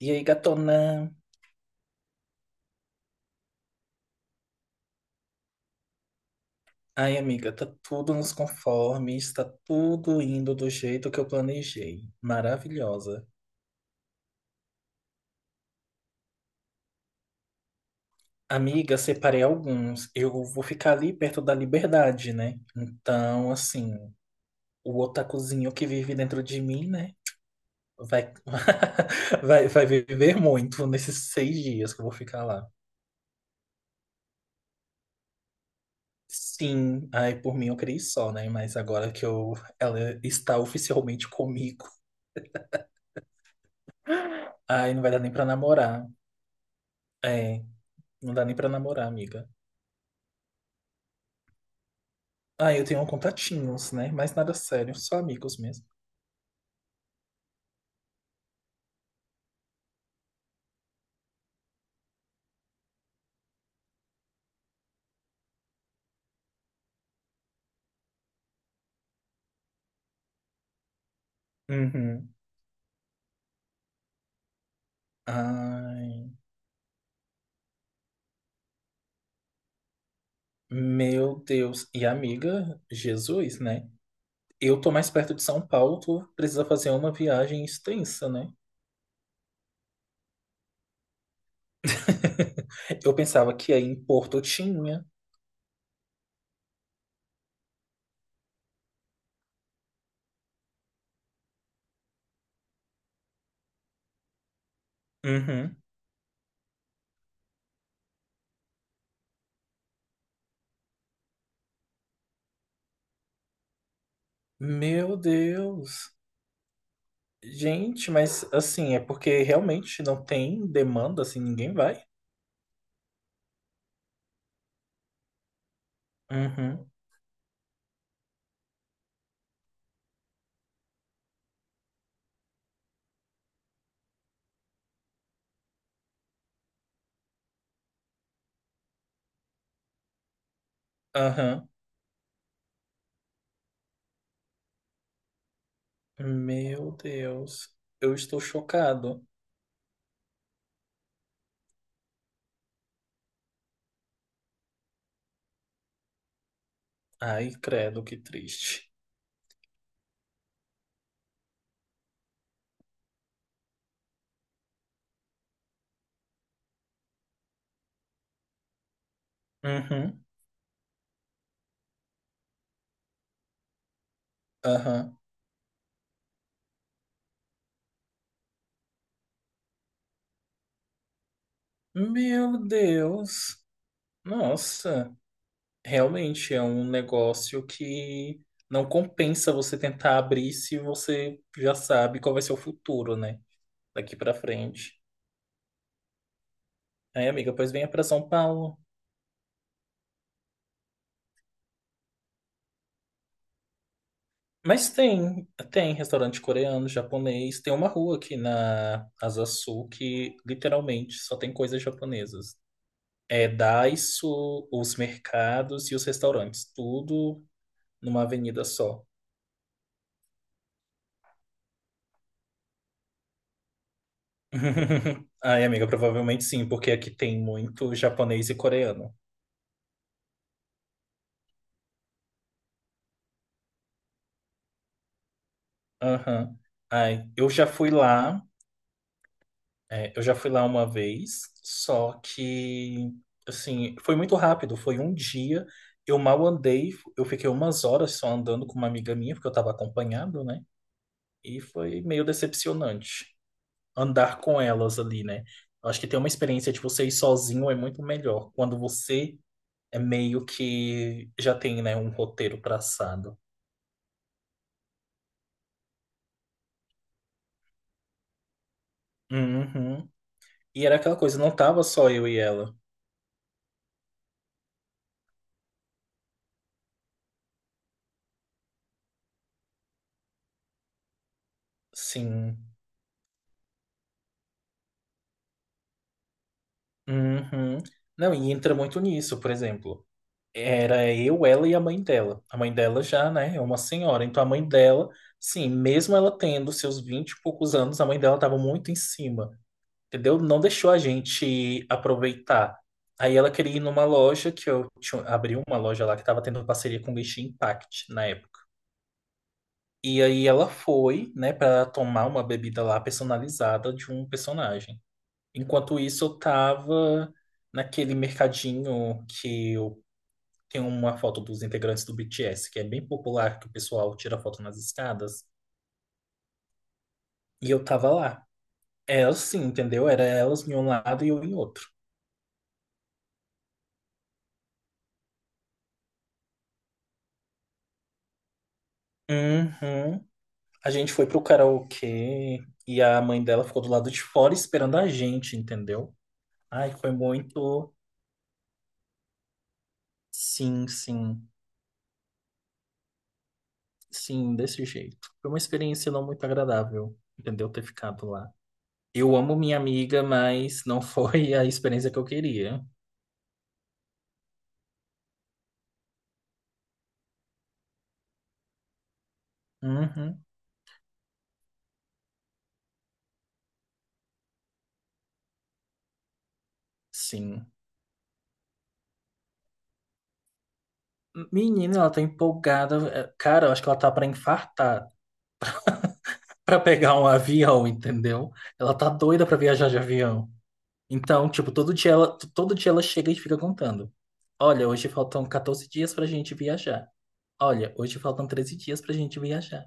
E aí, gatona? Ai, amiga, tá tudo nos conformes, tá tudo indo do jeito que eu planejei. Maravilhosa. Amiga, separei alguns. Eu vou ficar ali perto da liberdade, né? Então, assim, o otakuzinho que vive dentro de mim, né? Vai, vai, vai viver muito nesses 6 dias que eu vou ficar lá. Sim, ai, por mim eu criei só, né? Mas agora que eu, ela está oficialmente comigo, ai, não vai dar nem pra namorar. É. Não dá nem pra namorar, amiga. Ah, eu tenho contatinhos, né? Mas nada sério, só amigos mesmo. Uhum. Ai, meu Deus. E amiga, Jesus, né? Eu tô mais perto de São Paulo, tu precisa fazer uma viagem extensa, né? Eu pensava que aí em Porto tinha. Uhum. Meu Deus. Gente, mas assim, é porque realmente não tem demanda, assim, ninguém vai. Uhum. Aham. Meu Deus. Eu estou chocado. Ai, credo, que triste. Uhum, aham. Meu Deus. Nossa, realmente é um negócio que não compensa você tentar abrir se você já sabe qual vai ser o futuro, né? Daqui pra frente. Aí, amiga, pois venha pra São Paulo. Mas tem restaurante coreano, japonês. Tem uma rua aqui na Asa Sul que literalmente só tem coisas japonesas. É Daiso, os mercados e os restaurantes, tudo numa avenida só. Ai, amiga, provavelmente sim, porque aqui tem muito japonês e coreano. Aham. Ai, eu já fui lá uma vez, só que, assim, foi muito rápido, foi um dia. Eu mal andei, eu fiquei umas horas só andando com uma amiga minha, porque eu estava acompanhado, né? E foi meio decepcionante andar com elas ali, né? Eu acho que ter uma experiência de você ir sozinho é muito melhor. Quando você é meio que já tem, né, um roteiro traçado. Uhum. E era aquela coisa, não tava só eu e ela. Sim. Uhum. Não, e entra muito nisso, por exemplo. Era eu, ela e a mãe dela. A mãe dela já, né, é uma senhora. Então a mãe dela, sim, mesmo ela tendo seus 20 e poucos anos, a mãe dela tava muito em cima, entendeu? Não deixou a gente aproveitar. Aí ela queria ir numa loja que eu tinha, abri uma loja lá que tava tendo parceria com o Genshin Impact na época. E aí ela foi, né, para tomar uma bebida lá personalizada de um personagem. Enquanto isso, eu tava naquele mercadinho que eu tenho uma foto dos integrantes do BTS, que é bem popular, que o pessoal tira foto nas escadas. E eu tava lá. Elas sim, entendeu? Era elas em um lado e eu em outro. Uhum. A gente foi pro karaokê e a mãe dela ficou do lado de fora esperando a gente, entendeu? Ai, foi muito. Sim, sim. Sim, desse jeito. Foi uma experiência não muito agradável, entendeu? Ter ficado lá. Eu amo minha amiga, mas não foi a experiência que eu queria. Uhum, sim. Menina, ela tá empolgada. É, cara, eu acho que ela tá pra infartar, pra pegar um avião, entendeu? Ela tá doida pra viajar de avião. Então, tipo, todo dia ela chega e fica contando. Olha, hoje faltam 14 dias pra gente viajar. Olha, hoje faltam 13 dias pra gente viajar.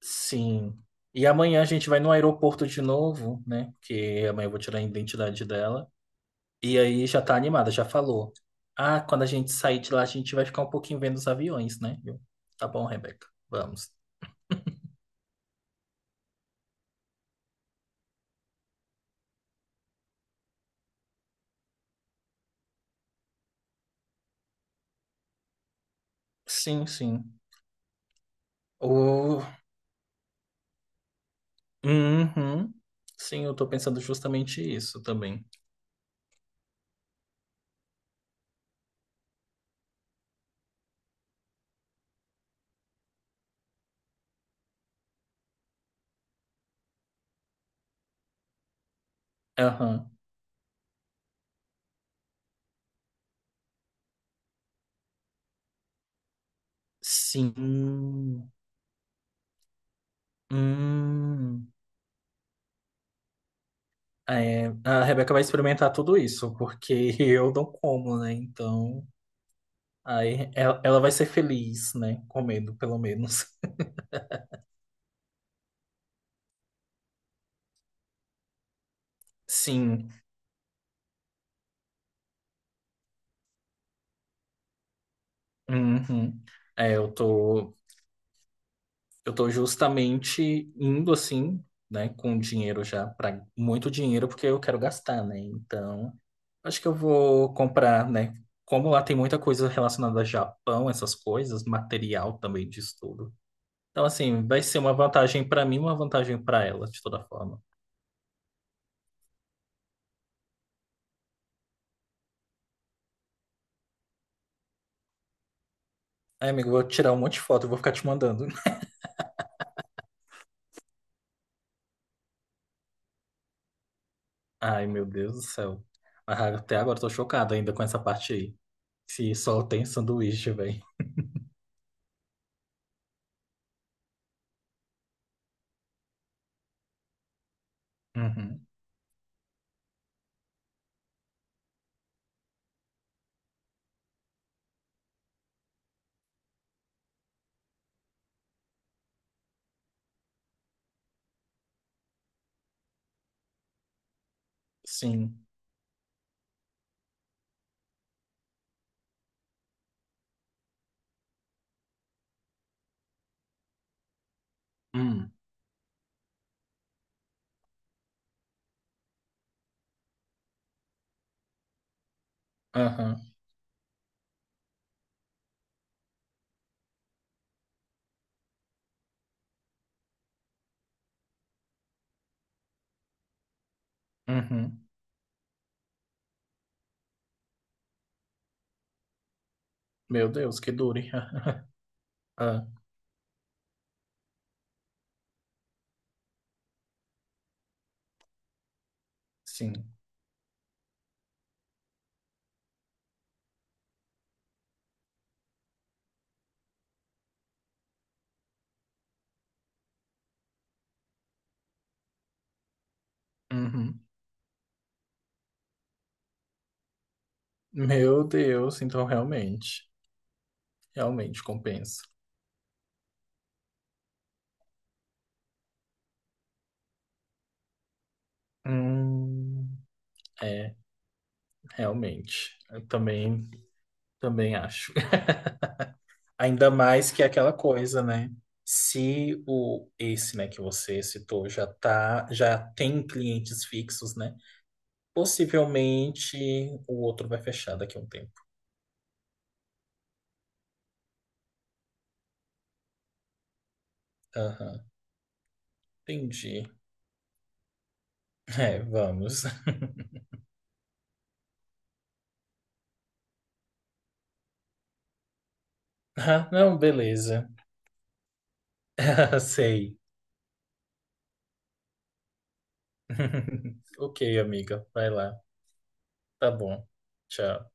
Sim. E amanhã a gente vai no aeroporto de novo, né? Porque amanhã eu vou tirar a identidade dela. E aí já tá animada, já falou. Ah, quando a gente sair de lá, a gente vai ficar um pouquinho vendo os aviões, né? Tá bom, Rebeca, vamos. Sim, sim. O... Uhum. Sim, eu tô pensando justamente isso também. Aham. Sim. Hum. É, a Rebeca vai experimentar tudo isso, porque eu não como, né? Então. Aí ela vai ser feliz, né? Comendo, pelo menos. Sim. Uhum. É, eu tô justamente indo assim, né? Com dinheiro já, para muito dinheiro, porque eu quero gastar, né? Então, acho que eu vou comprar, né? Como lá tem muita coisa relacionada a Japão, essas coisas, material também de tudo. Então, assim, vai ser uma vantagem para mim, uma vantagem para ela, de toda forma. Aí, amigo, eu vou tirar um monte de foto, eu vou ficar te mandando. Ai, meu Deus do céu. Ah, até agora eu tô chocado ainda com essa parte aí. Se só tem sanduíche, velho. Uhum. Sim. Hum. Aham. Uhum. Meu Deus, que dure. Ah, sim. Uhum. Meu Deus, então realmente. Realmente compensa. Hum. É, realmente. Eu também acho. Ainda mais que é aquela coisa, né? Se o esse, né, que você citou já tá, já tem clientes fixos, né? Possivelmente o outro vai fechar daqui a um tempo. Aham, entendi. É, vamos. Ah, não, beleza. Sei. Ok, amiga, vai lá. Tá bom. Tchau.